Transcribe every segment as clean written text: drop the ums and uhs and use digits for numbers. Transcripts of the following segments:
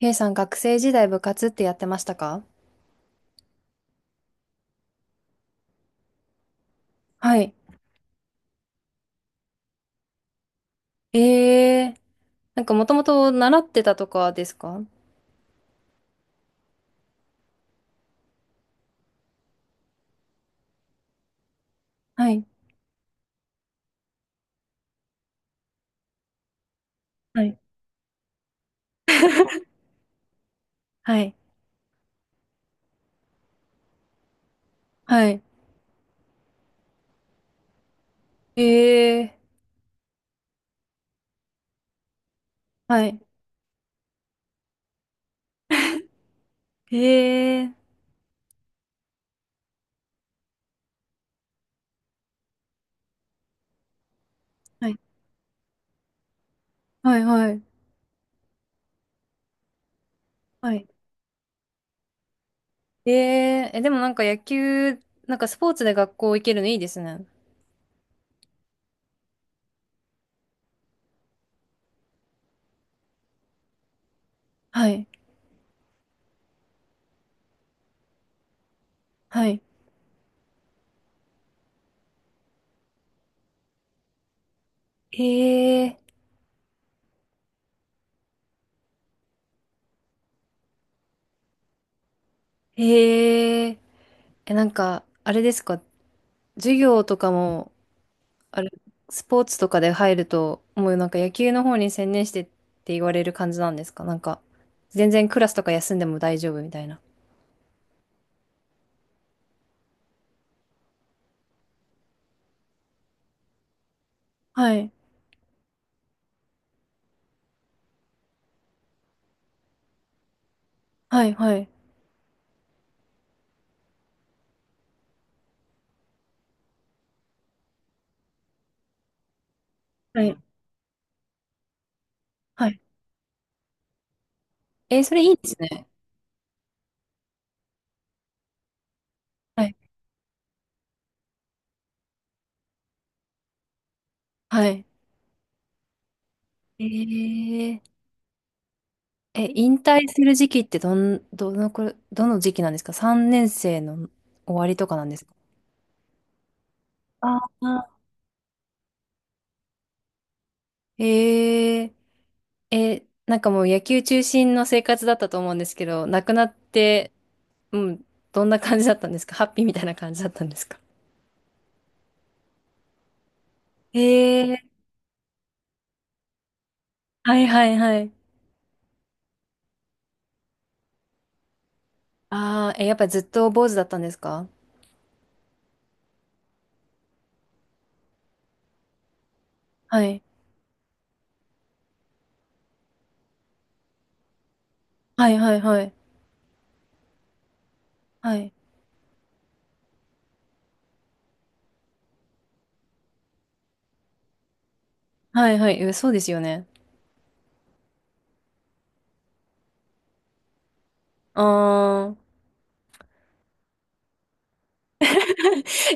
K さん学生時代部活ってやってましたか？はい。ええー、なんかもともと習ってたとかですか？はい。はい。はい。はい。ええー、はい。ええー、はい。はい。はい。はい。ええー、え、でもなんか野球、なんかスポーツで学校行けるのいいですね。はい。はい。ええー、ええー、え、なんか、あれですか？授業とかも、あれ、スポーツとかで入ると、もうなんか野球の方に専念してって言われる感じなんですか？全然クラスとか休んでも大丈夫みたいな。はい。はい、はい。はい、はい。えー、それいいですね。はい。はい。えー、引退する時期ってどのくら、どの時期なんですか？ 3 年生の終わりとかなんですか？ああー、なんかもう野球中心の生活だったと思うんですけど、亡くなって、うん、どんな感じだったんですか？ハッピーみたいな感じだったんですか？ええ。はいはいはい。ああ、え、やっぱずっと坊主だったんですか？はい。はいはいはい。はい。はいはい。え、そうですよね。あー、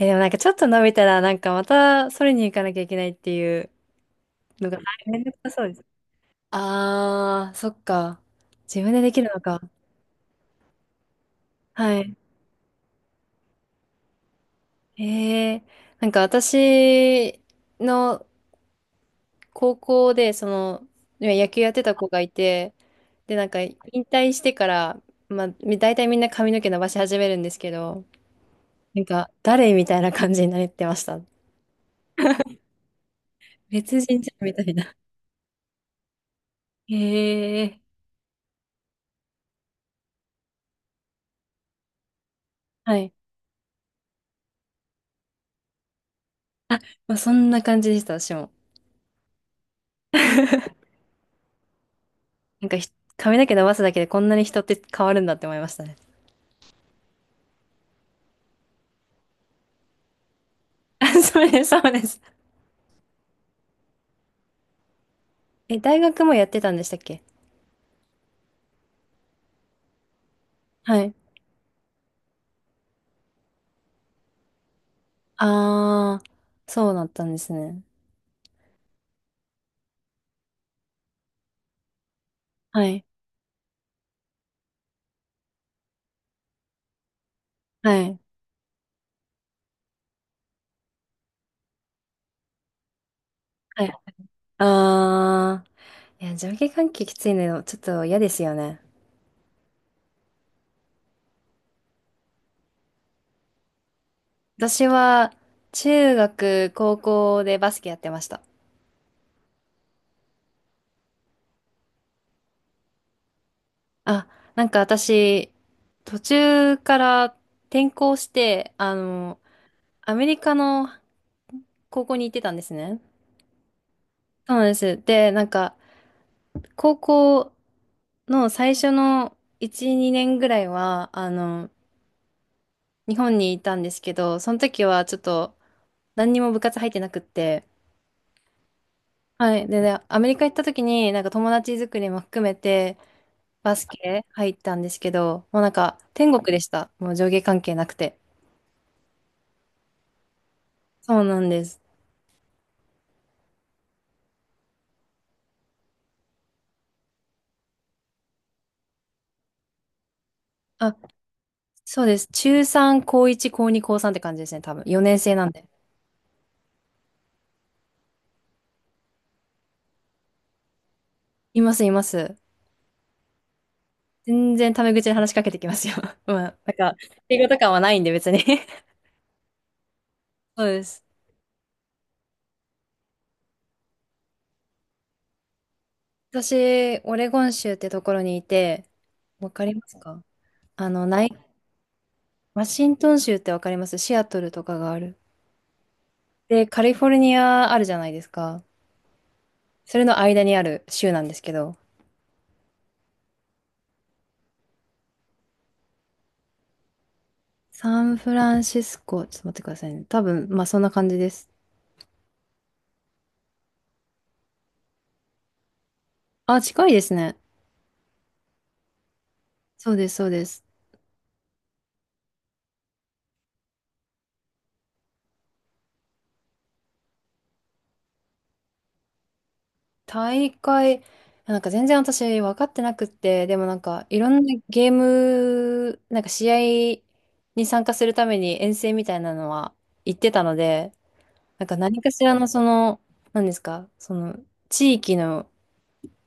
え、でもなんかちょっと伸びたら、なんかまたそれに行かなきゃいけないっていうのが、はい、めんどくさそうです。ああ、そっか。自分でできるのか。はい。ええ。なんか私の高校で、野球やってた子がいて、で、なんか、引退してから、大体みんな髪の毛伸ばし始めるんですけど、なんか、誰みたいな感じになってました。別人じゃんみたいな。へえ。はい。あ、まあ、そんな感じでした、私も。なんかひ、髪の毛伸ばすだけでこんなに人って変わるんだって思いましたね。あ、そうです、そうです。え、大学もやってたんでしたっけ？はい。あー、そうだったんですね。はい。はい。はい。あー。いや、上下関係きついの、ちょっと嫌ですよね。私は、中学、高校でバスケやってました。あ、なんか私、途中から転校して、あの、アメリカの高校に行ってたんですね。そうなんです。で、なんか、高校の最初の1、2年ぐらいは、あの、日本にいたんですけど、その時はちょっと、何にも部活入ってなくって、はい。でね、アメリカ行った時に、なんか友達作りも含めて、バスケ入ったんですけど、もうなんか天国でした。もう上下関係なくて。そうなんです。あ、そうです。中3、高1、高2、高3って感じですね、多分。4年生なんで。います、います。全然タメ口で話しかけてきますよ。まあ、なんか、英語とかはないんで別に。 そうです。私、オレゴン州ってところにいて、わかりますか？あの、ない、ワシントン州ってわかります？シアトルとかがある。で、カリフォルニアあるじゃないですか。それの間にある州なんですけど、サンフランシスコ、ちょっと待ってくださいね。多分、まあそんな感じです。あ、近いですね。そうです、そうです。大会、なんか全然私分かってなくって、でもなんかいろんなゲーム、なんか試合に参加するために遠征みたいなのは行ってたので、なんか何かしらのその、何ですか、その地域の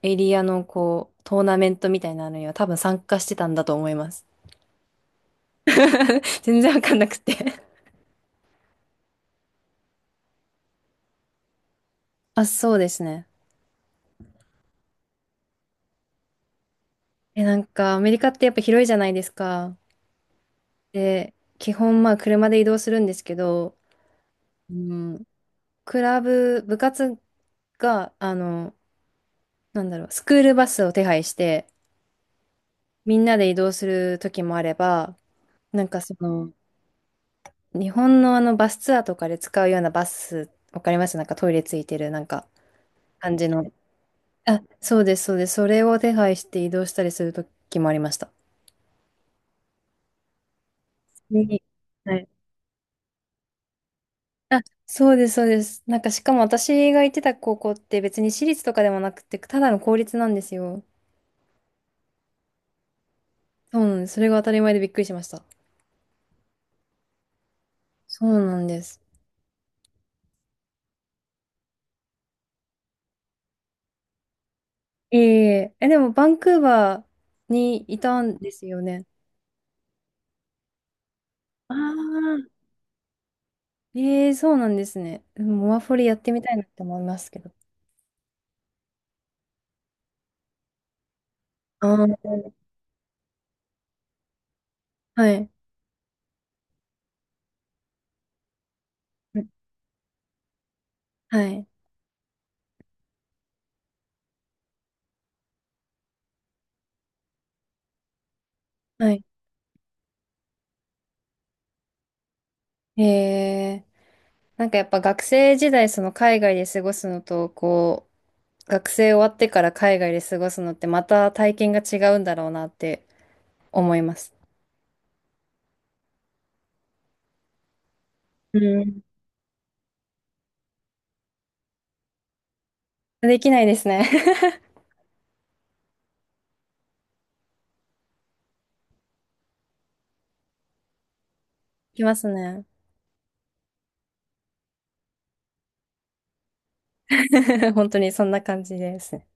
エリアのこう、トーナメントみたいなのには多分参加してたんだと思います。全然分かんなくて。あ、そうですね。え、なんか、アメリカってやっぱ広いじゃないですか。で、基本、まあ、車で移動するんですけど、うん、クラブ、部活が、あの、なんだろう、スクールバスを手配して、みんなで移動する時もあれば、なんかその、日本のあの、バスツアーとかで使うようなバス、わかります？なんかトイレついてる、なんか、感じの。あ、そうです、そうです。それを手配して移動したりする時もありました。に、あ、そうです、そうです。なんか、しかも私が行ってた高校って別に私立とかでもなくて、ただの公立なんですよ。そうなんです。それが当たり前でびっくりしました。そうなんです。ええ、え、でも、バンクーバーにいたんですよね。ああ。ええ、そうなんですね。でもモアフォリやってみたいなって思いますけど。ああ、はい。はい。はい。ええ。なんかやっぱ学生時代、その海外で過ごすのと、こ、学生終わってから海外で過ごすのってまた体験が違うんだろうなって思います。うん。できないですね。できますね。本当にそんな感じですね。